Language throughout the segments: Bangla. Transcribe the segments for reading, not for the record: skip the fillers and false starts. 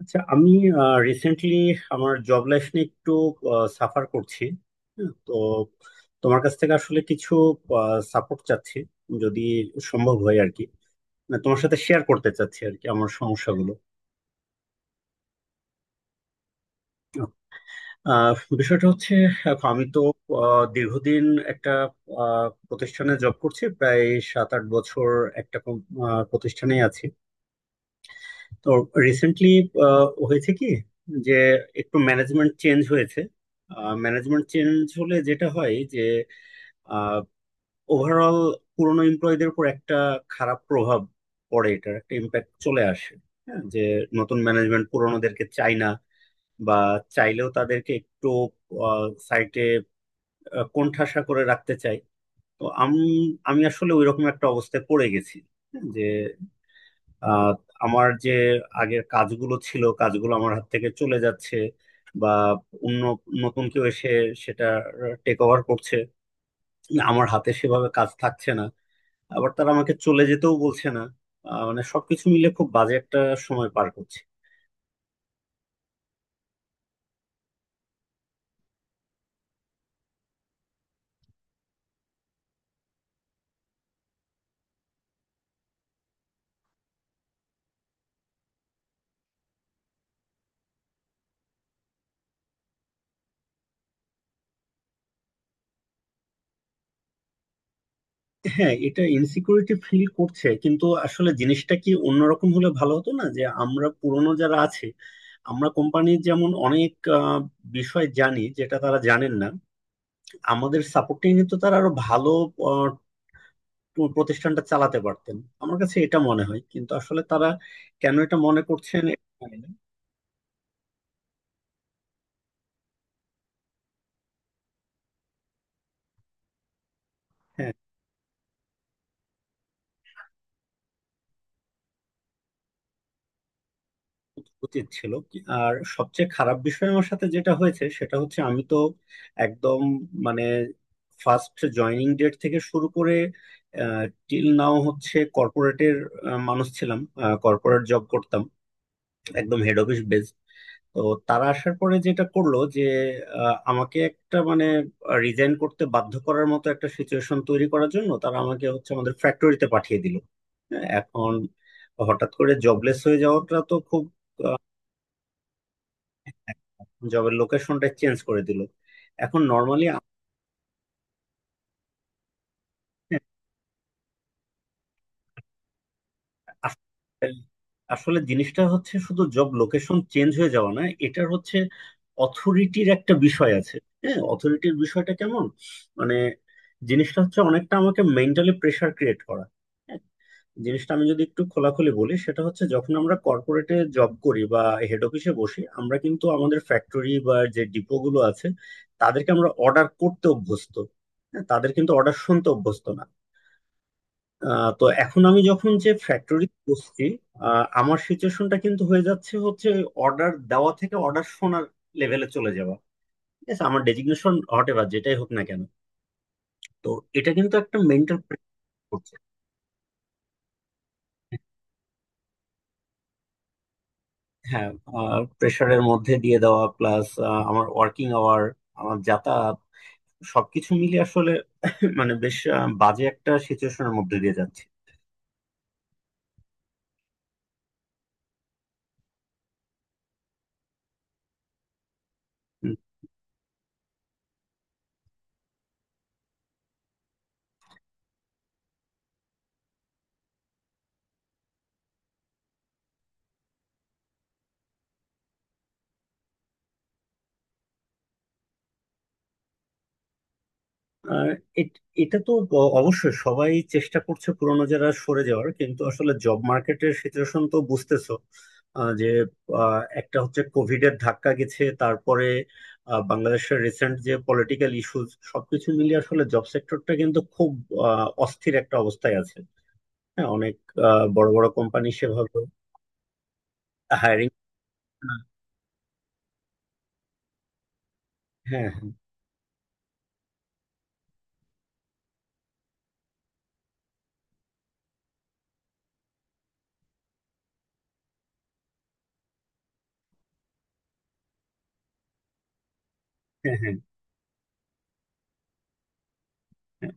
আচ্ছা, আমি রিসেন্টলি আমার জব লাইফ নিয়ে একটু সাফার করছি। হ্যাঁ, তো তোমার কাছ থেকে আসলে কিছু সাপোর্ট চাচ্ছি যদি সম্ভব হয় আর কি। না, তোমার সাথে শেয়ার করতে চাচ্ছি আর কি আমার সমস্যাগুলো। আহ, বিষয়টা হচ্ছে এখন আমি তো দীর্ঘদিন একটা প্রতিষ্ঠানে জব করছি, প্রায় 7-8 বছর একটা প্রতিষ্ঠানে আছি। তো রিসেন্টলি হয়েছে কি যে একটু ম্যানেজমেন্ট চেঞ্জ হয়েছে। ম্যানেজমেন্ট চেঞ্জ হলে যেটা হয় যে ওভারঅল পুরনো এমপ্লয়ীদের উপর একটা খারাপ প্রভাব পড়ে, এটার একটা ইম্প্যাক্ট চলে আসে। হ্যাঁ, যে নতুন ম্যানেজমেন্ট পুরনোদেরকে চায় না, বা চাইলেও তাদেরকে একটু সাইটে কোণঠাসা করে রাখতে চায়। তো আমি আমি আসলে ওইরকম একটা অবস্থায় পড়ে গেছি। হ্যাঁ, যে আহ, আমার যে আগের কাজগুলো ছিল কাজগুলো আমার হাত থেকে চলে যাচ্ছে, বা অন্য নতুন কেউ এসে সেটা টেক ওভার করছে। আমার হাতে সেভাবে কাজ থাকছে না, আবার তারা আমাকে চলে যেতেও বলছে না। মানে সবকিছু মিলে খুব বাজে একটা সময় পার করছে। হ্যাঁ, এটা ইনসিকিউরিটি ফিল করছে, কিন্তু আসলে জিনিসটা কি অন্যরকম হলে ভালো হতো না, যে আমরা পুরনো যারা আছে আমরা কোম্পানির যেমন অনেক আহ, বিষয় জানি যেটা তারা জানেন না। আমাদের সাপোর্টিং তো তারা আরো ভালো আহ, প্রতিষ্ঠানটা চালাতে পারতেন। আমার কাছে এটা মনে হয়, কিন্তু আসলে তারা কেন এটা মনে করছেন এটা জানি না। হ্যাঁ, উচিত ছিল আর সবচেয়ে খারাপ বিষয় আমার সাথে যেটা হয়েছে সেটা হচ্ছে আমি তো একদম মানে ফার্স্ট জয়নিং ডেট থেকে শুরু করে টিল নাও হচ্ছে কর্পোরেটের মানুষ ছিলাম, কর্পোরেট জব করতাম, একদম হেড অফিস বেস। তো তারা আসার পরে যেটা করলো যে আমাকে একটা মানে রিজাইন করতে বাধ্য করার মতো একটা সিচুয়েশন তৈরি করার জন্য তারা আমাকে হচ্ছে আমাদের ফ্যাক্টরিতে পাঠিয়ে দিল। হ্যাঁ, এখন হঠাৎ করে জবলেস হয়ে যাওয়াটা তো খুব, জবের লোকেশনটা চেঞ্জ করে দিল। এখন নর্মালি আসলে জিনিসটা হচ্ছে শুধু জব লোকেশন চেঞ্জ হয়ে যাওয়া না, এটার হচ্ছে অথরিটির একটা বিষয় আছে। হ্যাঁ, অথরিটির বিষয়টা কেমন মানে জিনিসটা হচ্ছে অনেকটা আমাকে মেন্টালি প্রেসার ক্রিয়েট করা। জিনিসটা আমি যদি একটু খোলাখুলি বলি সেটা হচ্ছে যখন আমরা কর্পোরেটে জব করি বা হেড অফিসে বসি আমরা কিন্তু আমাদের ফ্যাক্টরি বা যে ডিপো গুলো আছে তাদেরকে আমরা অর্ডার করতে অভ্যস্ত। হ্যাঁ, তাদের কিন্তু অর্ডার শুনতে অভ্যস্ত না। তো এখন আমি যখন যে ফ্যাক্টরি বসছি আমার সিচুয়েশনটা কিন্তু হয়ে যাচ্ছে, হচ্ছে অর্ডার দেওয়া থেকে অর্ডার শোনার লেভেলে চলে যাওয়া। ঠিক আছে, আমার ডেজিগনেশন হোয়াট এভার যেটাই হোক না কেন। তো এটা কিন্তু একটা মেন্টাল প্রেশার। হ্যাঁ, প্রেশারের মধ্যে দিয়ে দেওয়া প্লাস আমার ওয়ার্কিং আওয়ার, আমার যাতায়াত, সবকিছু মিলে আসলে মানে বেশ বাজে একটা সিচুয়েশনের মধ্যে দিয়ে যাচ্ছে। হুম, আর এটা তো অবশ্যই সবাই চেষ্টা করছে পুরোনো যারা সরে যাওয়ার, কিন্তু আসলে জব মার্কেটের সিচুয়েশন তো বুঝতেছো। আহ, যে একটা হচ্ছে কোভিড এর ধাক্কা গেছে, তারপরে বাংলাদেশের রিসেন্ট যে পলিটিক্যাল ইস্যুজ, সবকিছু মিলিয়ে আসলে জব সেক্টরটা কিন্তু খুব অস্থির একটা অবস্থায় আছে। হ্যাঁ, অনেক বড় বড় কোম্পানি সেভাবে হায়ারিং। হ্যাঁ, হ্যাঁ, হ্যাঁ, হ্যাঁ, হ্যাঁ,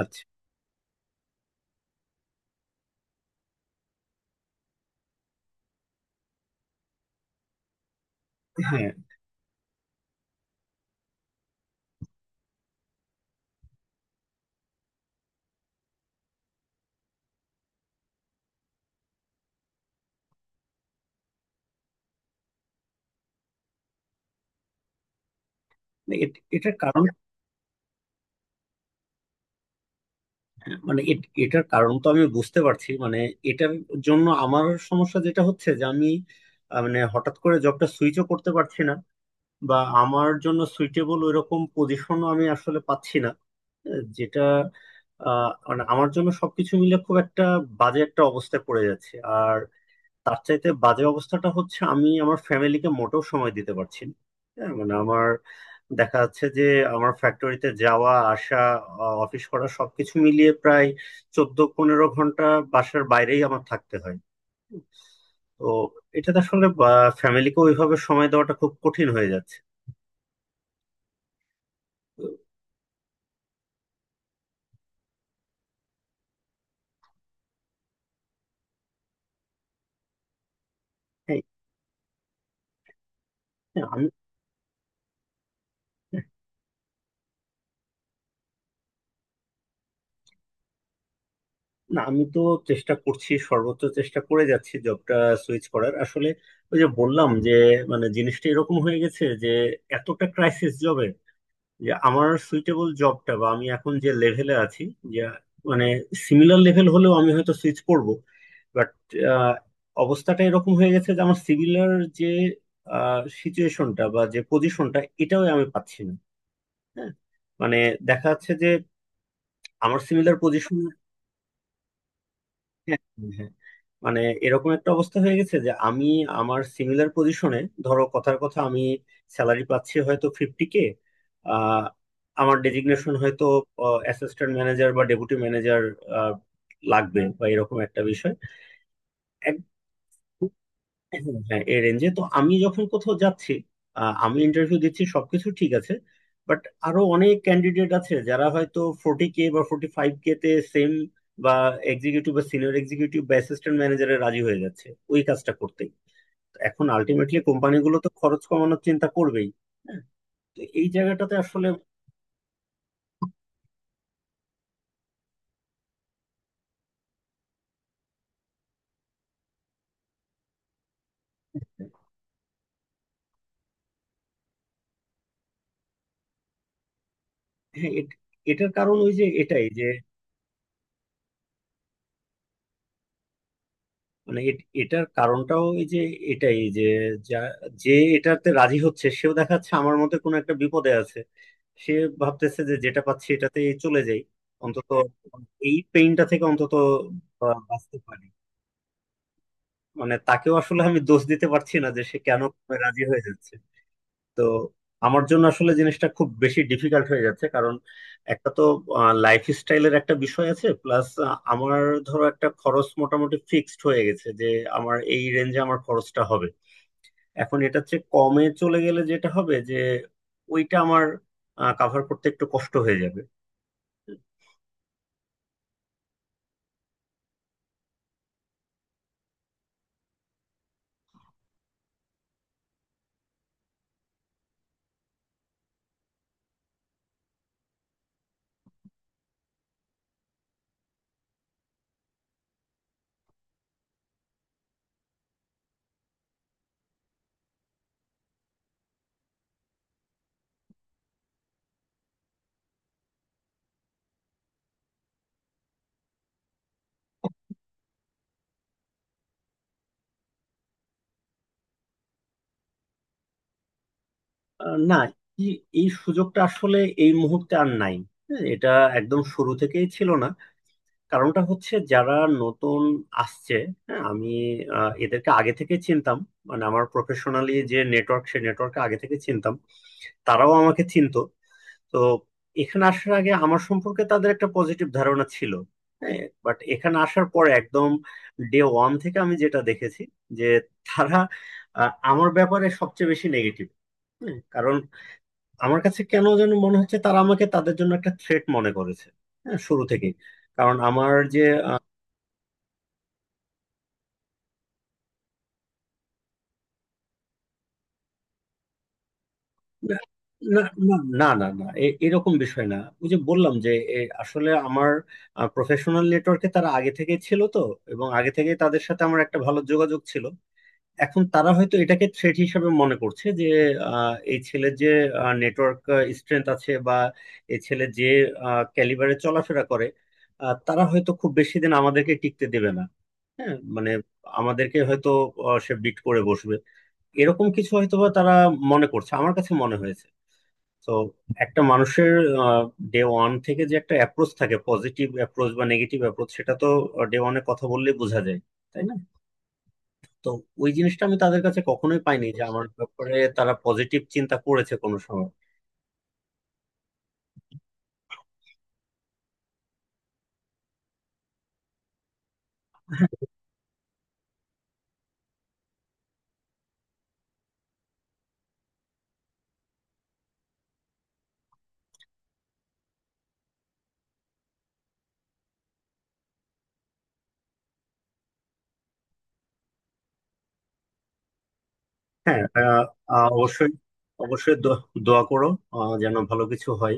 আচ্ছা। হ্যাঁ, মানে এটার কারণ, মানে এটার কারণ তো আমি বুঝতে পারছি, মানে এটার জন্য আমার সমস্যা যেটা হচ্ছে যে আমি মানে হঠাৎ করে জবটা সুইচও করতে পারছি না, বা আমার জন্য সুইটেবল ওইরকম পজিশনও আমি আসলে পাচ্ছি না। আহ, যেটা মানে আমার জন্য সবকিছু মিলে খুব একটা বাজে একটা অবস্থায় পড়ে যাচ্ছে। তার চাইতে বাজে অবস্থাটা হচ্ছে আমি আমার ফ্যামিলিকে মোটেও সময় দিতে পারছি না। হ্যাঁ, মানে আমার দেখা যাচ্ছে যে আমার ফ্যাক্টরিতে যাওয়া আসা, অফিস করা, সবকিছু মিলিয়ে প্রায় 14-15 ঘন্টা বাসার বাইরেই আমার থাকতে হয়। তো এটাতে আসলে ফ্যামিলিকে ওইভাবে সময় দেওয়াটা খুব কঠিন হয়ে যাচ্ছে। তো, হ্যাঁ। হ্যাঁ, আমি, না আমি তো চেষ্টা করছি, সর্বোচ্চ চেষ্টা করে যাচ্ছি জবটা সুইচ করার। আসলে ওই যে বললাম যে মানে জিনিসটা এরকম হয়ে গেছে যে এতটা ক্রাইসিস জবে যে আমার সুইটেবল জবটা বা আমি এখন যে লেভেলে আছি, যে মানে সিমিলার লেভেল হলেও আমি হয়তো সুইচ করব, বাট অবস্থাটা এরকম হয়ে গেছে যে আমার সিমিলার যে সিচুয়েশনটা বা যে পজিশনটা এটাও আমি পাচ্ছি না। হ্যাঁ, মানে দেখা যাচ্ছে যে আমার সিমিলার পজিশন, মানে এরকম একটা অবস্থা হয়ে গেছে যে আমি আমার সিমিলার পজিশনে ধরো কথার কথা আমি স্যালারি পাচ্ছি হয়তো 50K, আমার ডেজিগনেশন হয়তো অ্যাসিস্ট্যান্ট ম্যানেজার বা ডেপুটি ম্যানেজার লাগবে, বা এরকম একটা বিষয়। হ্যাঁ, হ্যাঁ, এই রেঞ্জে তো আমি যখন কোথাও যাচ্ছি আমি ইন্টারভিউ দিচ্ছি, সবকিছু ঠিক আছে, বাট আরো অনেক ক্যান্ডিডেট আছে যারা হয়তো 40K বা 45K তে সেম, বা এক্সিকিউটিভ বা সিনিয়র এক্সিকিউটিভ বা অ্যাসিস্ট্যান্ট ম্যানেজারে রাজি হয়ে যাচ্ছে ওই কাজটা করতে। এখন আলটিমেটলি কোম্পানিগুলো তো খরচ কমানোর চিন্তা করবেই। হ্যাঁ, তো এই জায়গাটাতে আসলে, হ্যাঁ, এটার কারণ ওই যে এটাই যে, মানে এটার কারণটাও এই যে এটাই যে যা- যে এটাতে রাজি হচ্ছে সেও দেখা যাচ্ছে আমার মতে কোনো একটা বিপদে আছে। সে ভাবতেছে যে যেটা পাচ্ছি এটাতে চলে যাই, অন্তত এই পেইনটা থেকে অন্তত বাঁচতে পারি। মানে তাকেও আসলে আমি দোষ দিতে পারছি না যে সে কেন রাজি হয়ে যাচ্ছে। তো আমার জন্য আসলে জিনিসটা খুব বেশি ডিফিকাল্ট হয়ে যাচ্ছে, কারণ একটা তো লাইফ স্টাইলের একটা বিষয় আছে, প্লাস আমার ধরো একটা খরচ মোটামুটি ফিক্সড হয়ে গেছে, যে আমার এই রেঞ্জে আমার খরচটা হবে। এখন এটা হচ্ছে কমে চলে গেলে যেটা হবে যে ওইটা আমার কাভার করতে একটু কষ্ট হয়ে যাবে। না, এই, এই সুযোগটা আসলে এই মুহূর্তে আর নাই। হ্যাঁ, এটা একদম শুরু থেকেই ছিল না। কারণটা হচ্ছে যারা নতুন আসছে, হ্যাঁ আমি এদেরকে আগে থেকে চিনতাম। মানে আমার প্রফেশনালি যে নেটওয়ার্ক সে নেটওয়ার্কে আগে থেকে চিনতাম, তারাও আমাকে চিনতো। তো এখানে আসার আগে আমার সম্পর্কে তাদের একটা পজিটিভ ধারণা ছিল। হ্যাঁ, বাট এখানে আসার পর একদম ডে ওয়ান থেকে আমি যেটা দেখেছি যে তারা আমার ব্যাপারে সবচেয়ে বেশি নেগেটিভ। কারণ আমার কাছে কেন যেন মনে হচ্ছে তারা আমাকে তাদের জন্য একটা থ্রেট মনে করেছে, হ্যাঁ শুরু থেকে। কারণ আমার যে, না, না, না, না, না, না, এরকম বিষয় না। ওই যে বললাম যে এ, আসলে আমার প্রফেশনাল নেটওয়ার্কে তারা আগে থেকে ছিল তো, এবং আগে থেকে তাদের সাথে আমার একটা ভালো যোগাযোগ ছিল। এখন তারা হয়তো এটাকে থ্রেট হিসেবে মনে করছে যে এই ছেলের যে নেটওয়ার্ক স্ট্রেংথ আছে, বা এই ছেলে যে ক্যালিবারে চলাফেরা করে তারা হয়তো খুব বেশি দিন আমাদেরকে টিকতে দেবে না। হ্যাঁ, মানে আমাদেরকে হয়তো সে বিট করে বসবে, এরকম কিছু হয়তোবা তারা মনে করছে, আমার কাছে মনে হয়েছে। তো একটা মানুষের ডে ওয়ান থেকে যে একটা অ্যাপ্রোচ থাকে পজিটিভ অ্যাপ্রোচ বা নেগেটিভ অ্যাপ্রোচ সেটা তো ডে ওয়ানে কথা বললেই বোঝা যায়, তাই না? তো ওই জিনিসটা আমি তাদের কাছে কখনোই পাইনি যে আমার ব্যাপারে তারা পজিটিভ চিন্তা করেছে কোনো সময়। হ্যাঁ, আহ, আহ, অবশ্যই, অবশ্যই দোয়া করো, যেন ভালো কিছু হয়।